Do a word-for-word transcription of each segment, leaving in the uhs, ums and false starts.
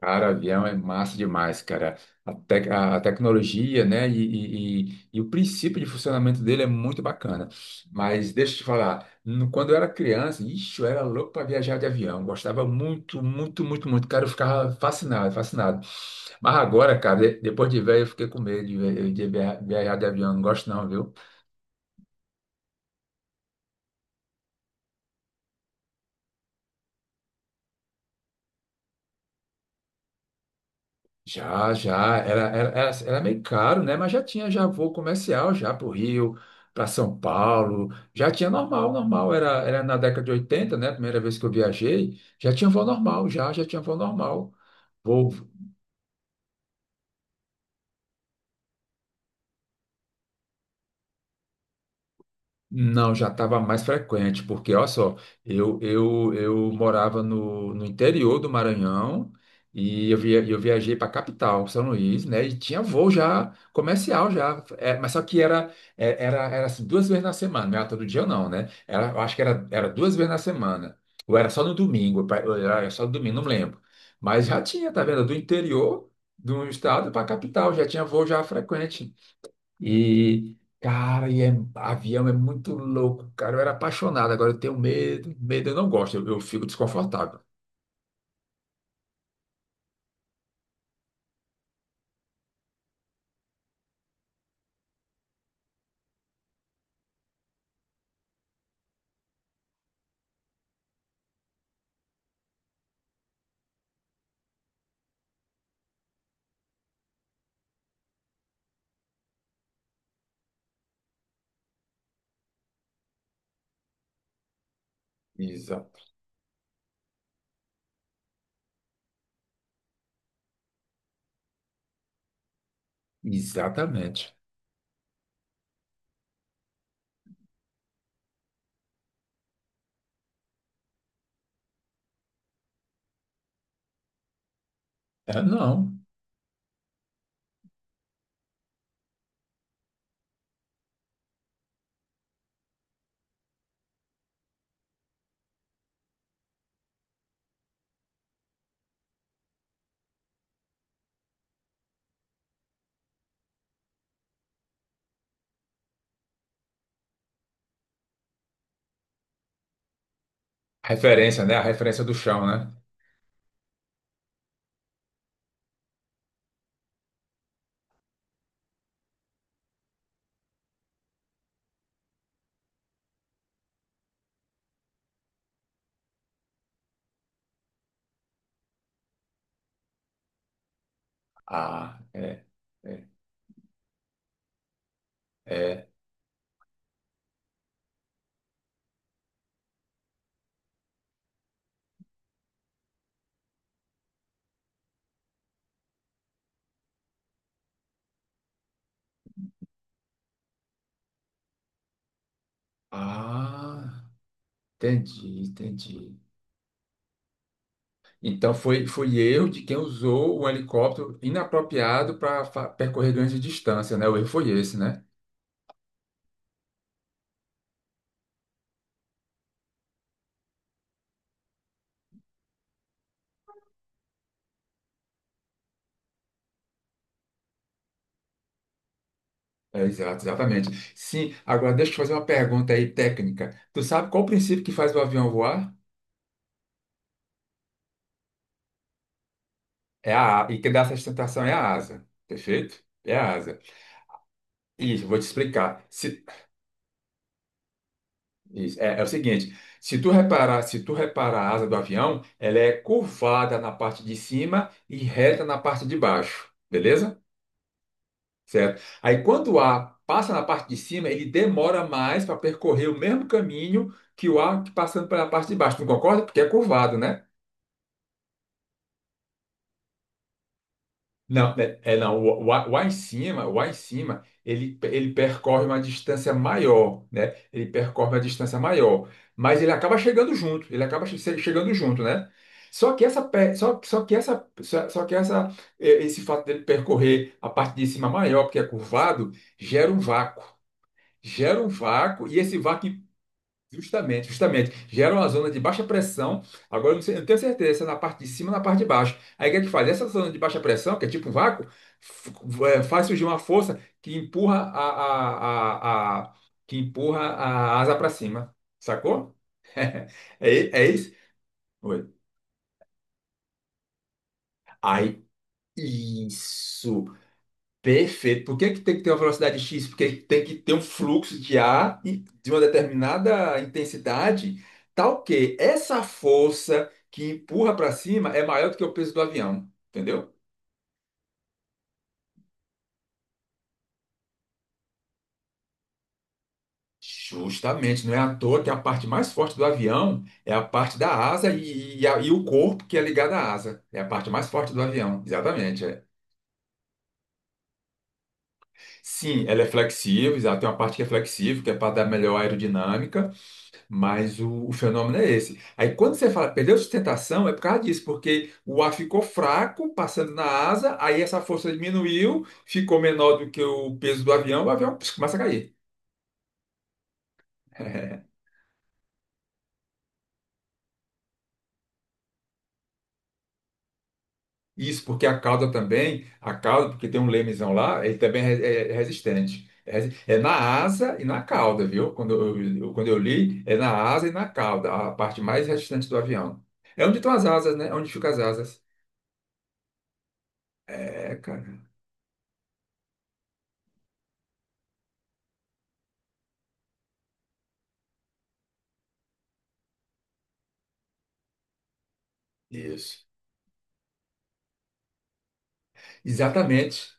Cara, avião é massa demais, cara. A, tec- a- a tecnologia, né, e, e- e- e o princípio de funcionamento dele é muito bacana. Mas deixa eu te falar, no- quando eu era criança, ixi, eu era louco para viajar de avião. Gostava muito, muito, muito, muito. Cara, eu ficava fascinado, fascinado. Mas agora, cara, de- depois de velho, eu fiquei com medo de, ve- de via- viajar de avião. Não gosto não, viu? Já, já, era, era, era, era meio caro, né? Mas já tinha já voo comercial já para o Rio, para São Paulo, já tinha normal, normal, era, era na década de oitenta, né? Primeira vez que eu viajei, já tinha voo normal, já, já tinha voo normal. Não, já estava mais frequente, porque olha só, eu, eu, eu morava no, no interior do Maranhão, e eu, via, eu viajei para a capital, São Luís, né? E tinha voo já comercial já, é, mas só que era, é, era, era assim, duas vezes na semana, não era todo dia não, né? Era, eu acho que era, era duas vezes na semana, ou era só no domingo, pa- ou era só no domingo, não lembro. Mas já tinha, tá vendo? Do interior do estado para a capital, já tinha voo já frequente. E, cara, e é, avião é muito louco, cara. Eu era apaixonado, agora eu tenho medo. Medo eu não gosto, eu, eu fico desconfortável. Exa- Exatamente. É, não. Referência, né? A referência do chão, né? Ah, é, é, é. Ah, entendi, entendi. Então foi, foi eu de quem usou o helicóptero inapropriado para percorrer grandes distâncias, né? O erro foi esse, né? É, exato, exatamente. Sim, agora deixa eu te fazer uma pergunta aí técnica. Tu sabe qual o princípio que faz o avião voar? É a, e que dá essa sustentação é a asa. Perfeito? É a asa. Isso, vou te explicar. Se- isso, é, é o seguinte, se tu reparar, se tu reparar a asa do avião, ela é curvada na parte de cima e reta na parte de baixo, beleza? Certo. Aí quando o ar passa na parte de cima, ele demora mais para percorrer o mesmo caminho que o ar que passando pela parte de baixo. Tu concorda? Porque é curvado, né? Não, é, é não. O- o- Lá em cima, lá em cima, ele, ele percorre uma distância maior, né? Ele percorre uma distância maior, mas ele acaba chegando junto. Ele acaba che- che- chegando junto, né? Só que essa, pe- só, só que essa, só, só que essa, eh, esse fato dele percorrer a parte de cima maior, porque é curvado, gera um vácuo. Gera um vácuo e esse vácuo. Justamente, justamente. Gera uma zona de baixa pressão. Agora, eu não sei- eu não tenho certeza se é na parte de cima ou na parte de baixo. Aí, o que é que faz? Essa zona de baixa pressão, que é tipo um vácuo, f- é, faz surgir uma força que empurra a, a, a, a- que empurra a asa para cima. Sacou? É, i- é isso? Oi. Aí, isso. Perfeito. Por que que tem que ter uma velocidade X? Porque tem que ter um fluxo de ar e- de uma determinada intensidade, tal que essa força que empurra para cima é maior do que o peso do avião, entendeu? Justamente, não é à toa que a parte mais forte do avião é a parte da asa e, e a- e o corpo que é ligado à asa. É a parte mais forte do avião, exatamente, é. Sim, ela é flexível, exato. Tem uma parte que é flexível, que é para dar melhor aerodinâmica. Mas o, o fenômeno é esse. Aí quando você fala perdeu sustentação, é por causa disso, porque o ar ficou fraco, passando na asa, aí essa força diminuiu, ficou menor do que o peso do avião, o avião pss, começa a cair. Isso porque a cauda também, a cauda, porque tem um lemezão lá, ele também é, re- é- é resistente. É, resi- é na asa e na cauda, viu? Quando eu, eu- quando eu li, é na asa e na cauda, a parte mais resistente do avião. É onde estão as asas, né? É onde ficam as asas. É, cara. Isso. Exatamente.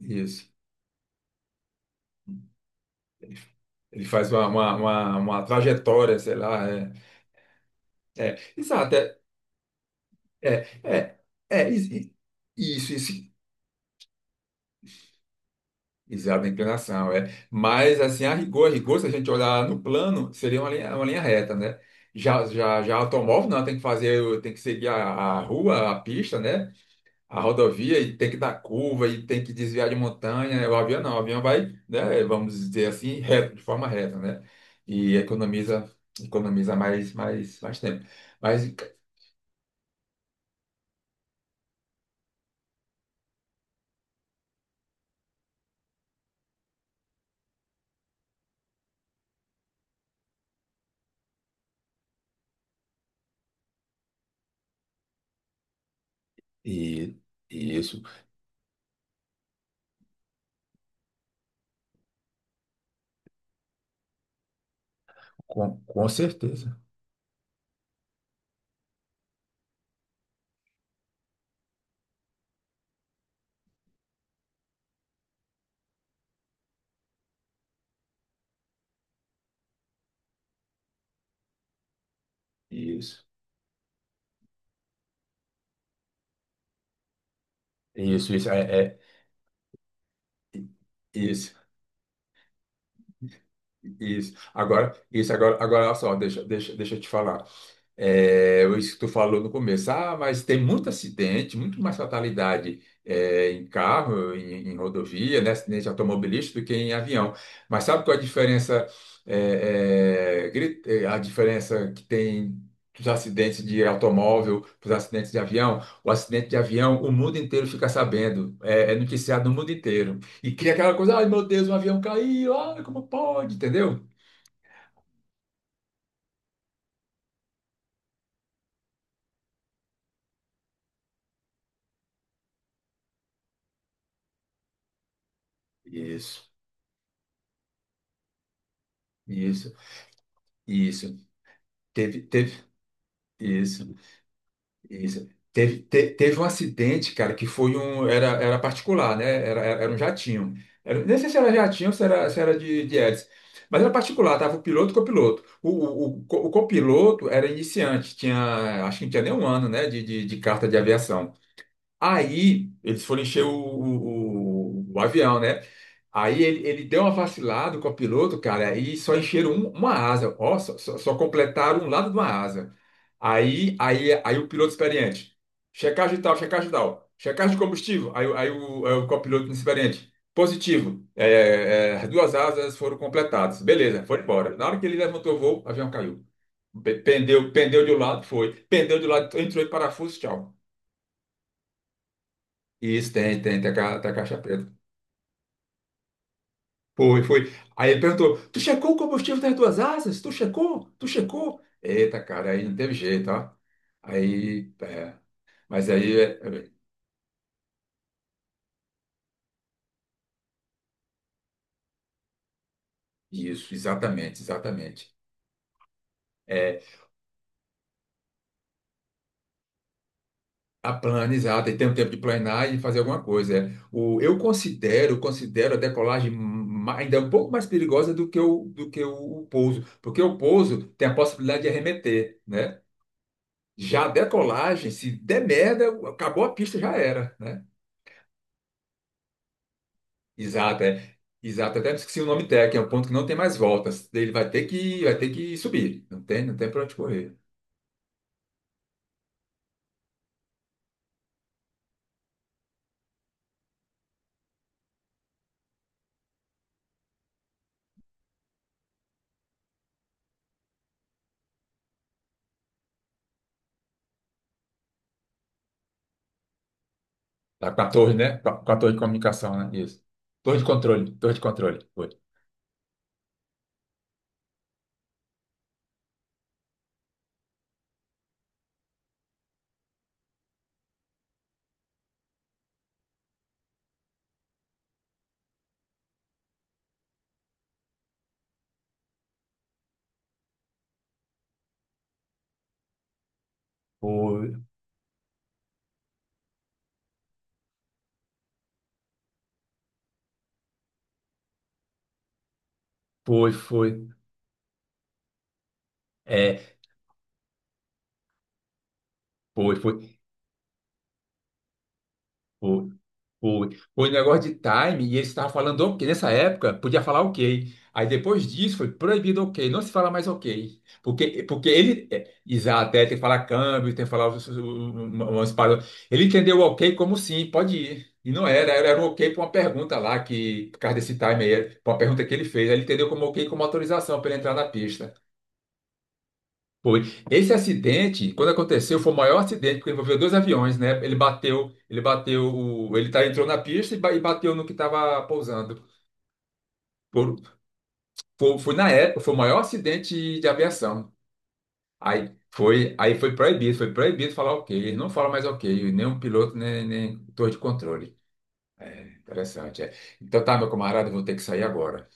Isso. Ele ele faz uma, uma, uma, uma trajetória, sei lá. É, é, exato, é, é, é, é, is- i- isso, isso. Exato, a inclinação, é. Mas, assim, a rigor, a rigor, se a gente olhar no plano, seria uma linha, uma linha reta, né? Já, já, já automóvel, não, tem que fazer, o- tem que seguir a, a rua, a pista, né? A rodovia, e tem que dar curva e tem que desviar de montanha, né? O avião não, o avião vai, né, vamos dizer assim, reto, de forma reta, né? E economiza, economiza mais, mais, mais tempo. Mas e, e isso, com, com certeza. Isso, isso, isso, é, é, isso, isso. Agora, isso, agora, agora, olha só, deixa, deixa, deixa eu te falar. É, isso que tu falou no começo. Ah, mas tem muito acidente, muito mais fatalidade é, em carro, em, em rodovia, né, acidente automobilístico do que em avião. Mas sabe qual é a diferença, é, é, gri- é, a diferença que tem dos acidentes de automóvel para os acidentes de avião? O acidente de avião, o mundo inteiro fica sabendo, é, é noticiado no mundo inteiro. E cria aquela coisa, ai meu Deus, um avião caiu, ai, como pode, entendeu? Isso, isso, isso. Teve, teve. Isso. Isso. Teve, te- teve um acidente, cara, que foi um. Era, era particular, né? Era, era, era um jatinho. Era, nem sei se era jatinho ou se era, se era de, de hélice. Mas era particular, tava o piloto e o copiloto. O, o, o, co- o copiloto era iniciante, tinha, acho que não tinha nem um ano, né, de, de, de carta de aviação. Aí eles foram encher o, o- o- o avião, né? Aí ele, ele deu uma vacilada com o piloto, cara, e só encheram um- uma asa, ó, só, só- só completaram um lado de uma asa. Aí, aí, aí o piloto experiente, checagem tal, checagem tal, checagem de combustível. Aí, o- aí, o, aí o copiloto inexperiente, positivo, é, é, duas asas foram completadas, beleza, foi embora. Na hora que ele levantou o voo, o avião caiu. Pe- Pendeu, pendeu de um lado, foi. Pendeu de um lado, entrou em parafuso, tchau. Isso, tem, tem, tem a, ca- tem a caixa preta. Foi, foi. Aí ele perguntou: Tu checou o combustível das duas asas? Tu checou? Tu checou? Eita, cara, aí não teve jeito, ó. Aí, é, mas aí, é, é, isso, exatamente, exatamente. É, a plana, exato, e tem um tempo de planear e fazer alguma coisa, é. O, eu considero, considero a decolagem ma- ainda um pouco mais perigosa do que o, do que o, o pouso, porque o pouso tem a possibilidade de arremeter, né? Já a decolagem, se der merda, acabou a pista, já era, né? Exato, é. Exato, até me esqueci o nome técnico, é um ponto que não tem mais voltas. Ele vai ter que, vai ter que subir. Não tem, não tem para onde correr. Tá com a torre, né? Com a com a torre de comunicação, né? Isso. Torre de controle, torre de controle. Foi. Foi, foi, foi. É, foi, foi, foi. Foi. Foi um negócio de time e eles estavam falando ok. Nessa época, podia falar ok. Aí depois disso foi proibido ok. Não se fala mais ok. Porque, porque ele, é, exato, é, tem que falar câmbio, tem que falar os- os- umas palavras. Ele entendeu o ok como sim, pode ir. E não era, era um ok para uma pergunta lá, que, por causa desse time aí, para uma pergunta que ele fez. Aí ele entendeu como ok como autorização para ele entrar na pista. Foi. Esse acidente, quando aconteceu, foi o maior acidente, porque envolveu dois aviões, né? Ele bateu, ele bateu, o- ele tá, entrou na pista e ba- e bateu no que estava pousando. Por- Foi, foi na época, foi o maior acidente de aviação. Aí foi, aí foi proibido, foi proibido falar ok. Eles não falam mais ok, nem o piloto, nem, nem torre de controle. Interessante, é. Então tá, meu camarada, eu vou ter que sair agora.